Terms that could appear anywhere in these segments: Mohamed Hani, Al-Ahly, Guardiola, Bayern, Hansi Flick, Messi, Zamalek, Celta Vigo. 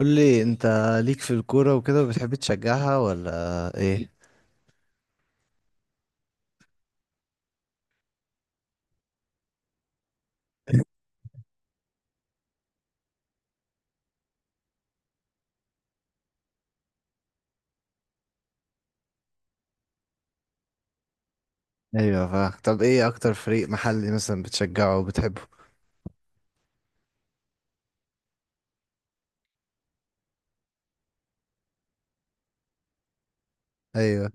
قول لي، انت ليك في الكورة وكده وبتحب تشجعها ولا ايه؟ ايوه. فا طب، ايه اكتر فريق محلي مثلا بتشجعه وبتحبه؟ ايوه.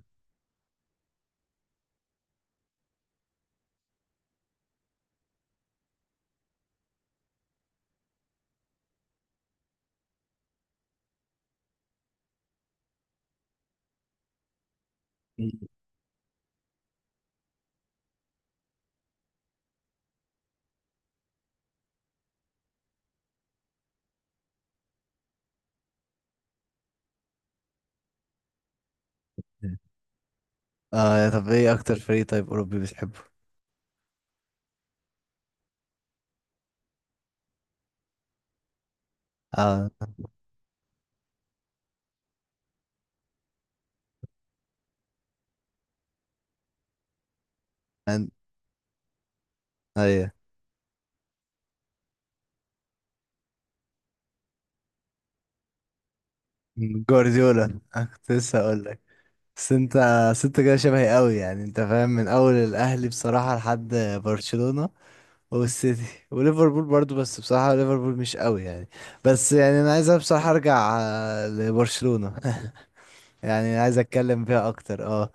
اه، يا طب ايه اكتر فريق طيب اوروبي بتحبه؟ اه. أن... ايوه. جوارديولا، أنا كنت لسه اقول لك. بس انت بس انت كده شبهي قوي يعني، انت فاهم من اول الاهلي بصراحة لحد برشلونة والسيتي وليفربول برضو، بس بصراحة ليفربول مش قوي يعني. بس يعني انا عايز بصراحة ارجع لبرشلونة. يعني عايز اتكلم فيها اكتر. اه،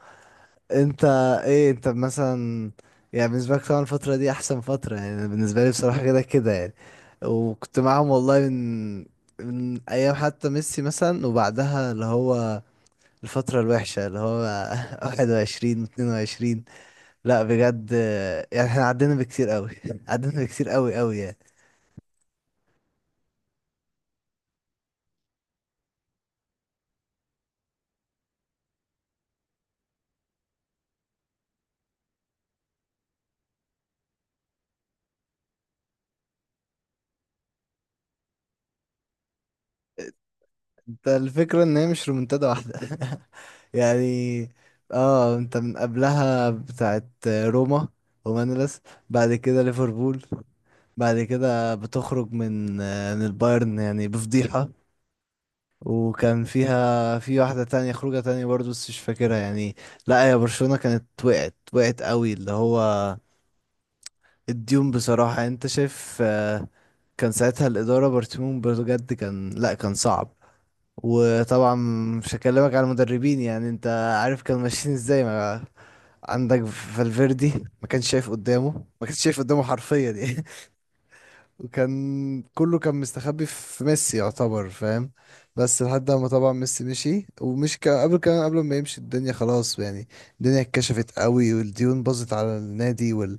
انت، ايه انت مثلا، يعني بالنسبه لك طبعا الفتره دي احسن فتره. يعني أنا بالنسبه لي بصراحه كده كده يعني. وكنت معاهم والله من ايام حتى ميسي مثلا، وبعدها اللي هو الفتره الوحشه اللي هو 21 و22. لا بجد، يعني احنا عدينا بكتير قوي. عدينا بكتير قوي قوي يعني. الفكرة ان هي مش رومنتادا واحدة. يعني اه، انت من قبلها بتاعت روما، ومانلس، بعد كده ليفربول، بعد كده بتخرج من البايرن يعني بفضيحة. وكان فيها في واحدة تانية، خروجة تانية برضو بس مش فاكرها يعني. لا يا برشلونة كانت وقعت، وقعت قوي اللي هو الديون، بصراحة انت شايف. كان ساعتها الإدارة برشلونة بجد كان لا كان صعب. وطبعا مش هكلمك على المدربين، يعني انت عارف كانوا ماشيين ازاي. ما عندك فالفيردي ما كانش شايف قدامه، ما كانش شايف قدامه حرفيا يعني. وكان كله كان مستخبي في ميسي يعتبر، فاهم؟ بس لحد ما طبعا ميسي مشي، ومش كان قبل كمان قبل ما يمشي الدنيا خلاص يعني. الدنيا اتكشفت قوي، والديون باظت على النادي.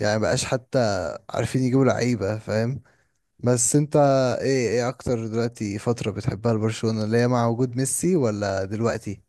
يعني مبقاش حتى عارفين يجيبوا لعيبة، فاهم؟ بس انت، ايه اكتر دلوقتي فترة بتحبها لبرشلونة؟ اللي هي مع وجود ميسي ولا دلوقتي؟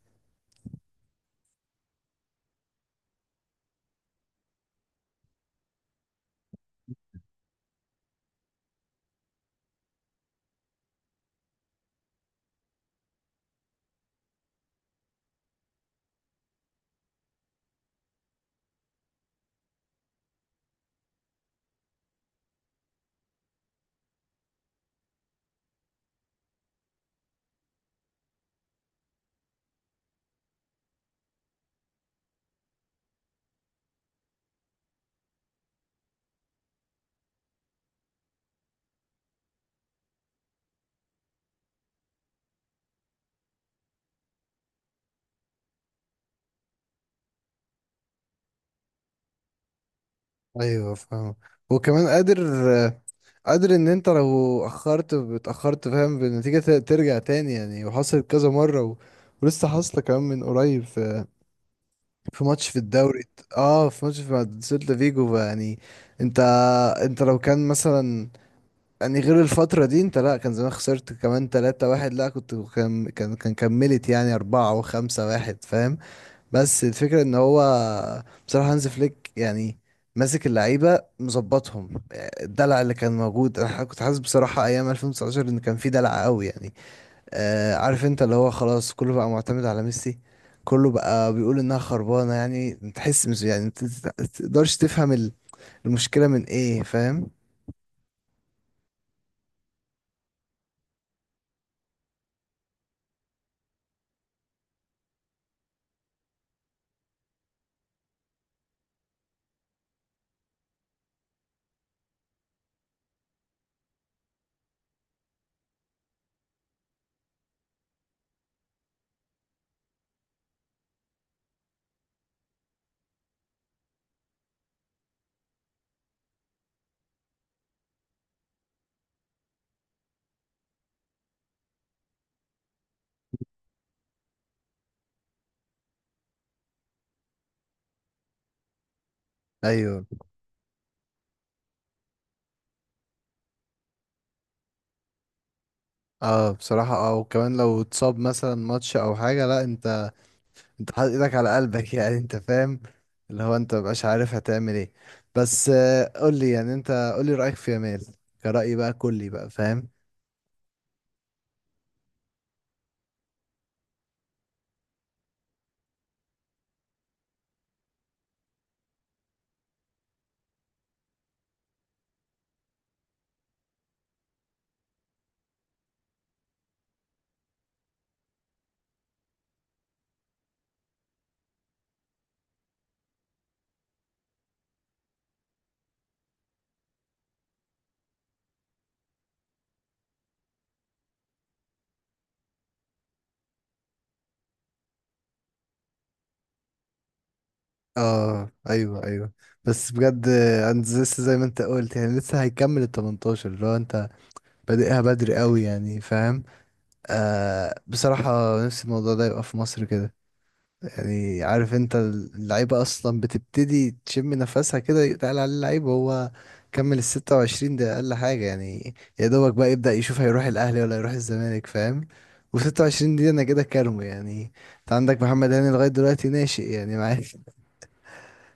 ايوه، فاهم. وكمان قادر ان انت لو اتاخرت، فاهم، بالنتيجة ترجع تاني يعني. وحصلت كذا مرة. ولسه حاصلة كمان من قريب في ماتش في الدوري. اه، في ماتش في مع سيلتا فيجو يعني. انت انت لو كان مثلا، يعني غير الفترة دي، انت لا كان زمان خسرت كمان تلاتة واحد، لا كنت كان كملت يعني أربعة وخمسة واحد، فاهم؟ بس الفكرة ان هو بصراحة هانز فليك يعني، ماسك اللعيبة مظبطهم. الدلع اللي كان موجود، انا كنت حاسس بصراحة ايام 2019 ان كان في دلع قوي يعني. عارف انت اللي هو خلاص كله بقى معتمد على ميسي، كله بقى بيقول انها خربانة يعني، تحس يعني ما تقدرش تفهم المشكلة من ايه، فاهم؟ ايوه. اه بصراحة، وكمان لو اتصاب مثلا ماتش او حاجة، لا انت حاطط ايدك على قلبك. يعني انت فاهم، اللي هو انت مبقاش عارف هتعمل ايه. بس قول لي يعني، انت قول لي رأيك في يامال كرأيي بقى، كلي بقى، فاهم؟ اه، ايوه ايوه. بس بجد انت لسه زي ما انت قلت يعني، لسه هيكمل ال 18، اللي هو انت بادئها بدري قوي يعني، فاهم؟ بصراحة، نفسي الموضوع ده يبقى في مصر كده. يعني عارف انت اللعيبة اصلا بتبتدي تشم نفسها كده، يتقال عليه اللعيب هو كمل ال 26، ده اقل حاجة يعني. يا دوبك بقى يبدأ يشوف هيروح الاهلي ولا يروح الزمالك، فاهم؟ و 26 دي انا كده كارمو يعني. انت عندك محمد هاني لغاية دلوقتي ناشئ يعني، معاك.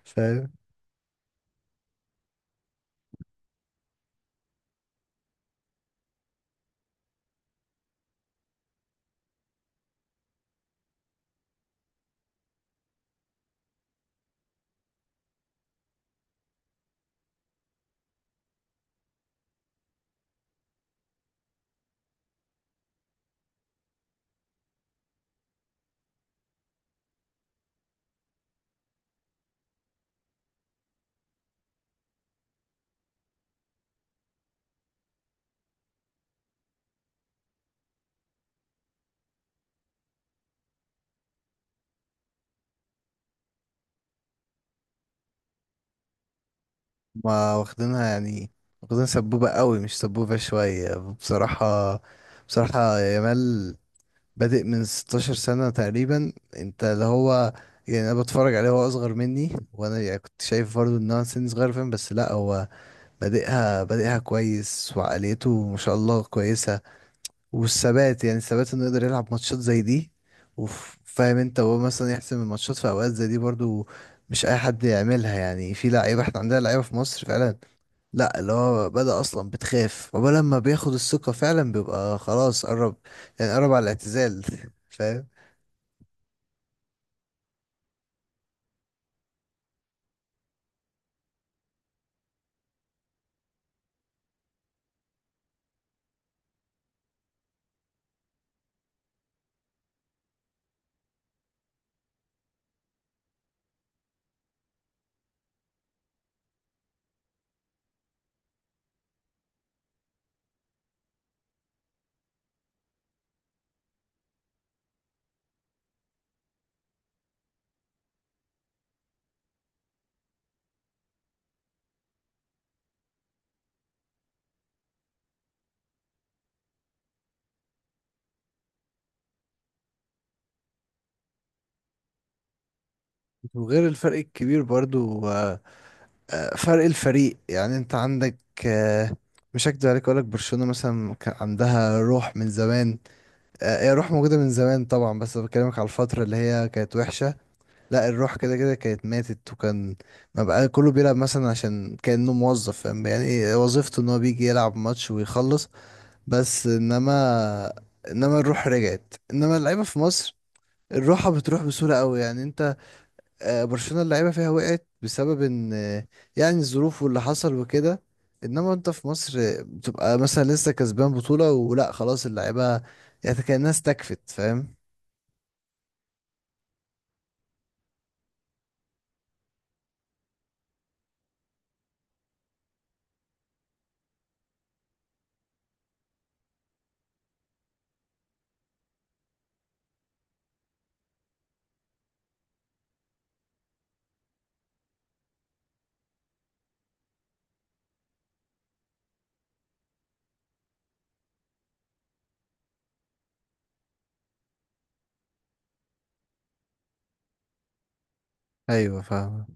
فاهم؟ ما واخدينها يعني، واخدين سبوبة قوي، مش سبوبة شوية بصراحة. بصراحة يامال بادئ من 16 سنة تقريبا، انت اللي هو يعني انا بتفرج عليه، هو اصغر مني، وانا يعني كنت شايف برضه ان هو سن صغير، فاهم؟ بس لا، هو بادئها كويس، وعقليته ما شاء الله كويسة. والثبات يعني الثبات انه يقدر يلعب ماتشات زي دي، وفاهم انت، وهو مثلا يحسم الماتشات في اوقات زي دي برضه. مش اي حد يعملها يعني، في لعيبة احنا عندنا لعيبة في مصر فعلا، لا اللي هو بدأ اصلا بتخاف، وبلما بياخد الثقة فعلا بيبقى خلاص قرب. يعني قرب على الاعتزال. فاهم؟ وغير الفرق الكبير برضو. فرق الفريق يعني، انت عندك. آه، مش هكدب عليك اقولك برشلونة مثلا كان عندها روح من زمان. هي روح موجودة من زمان طبعا، بس بكلمك على الفترة اللي هي كانت وحشة. لا، الروح كده كده كانت ماتت، وكان ما بقى كله بيلعب مثلا، عشان كأنه موظف، فاهم يعني إيه وظيفته؟ ان هو بيجي يلعب ماتش ويخلص. بس انما الروح رجعت، انما اللعيبة في مصر الروحة بتروح بسهولة قوي يعني، انت. برشلونة اللعيبة فيها وقعت بسبب ان يعني الظروف واللي حصل وكده. انما انت في مصر بتبقى مثلا لسه كسبان بطولة ولا خلاص اللعيبة، يعني كأنها استكفت، فاهم؟ ايوه، فاهم.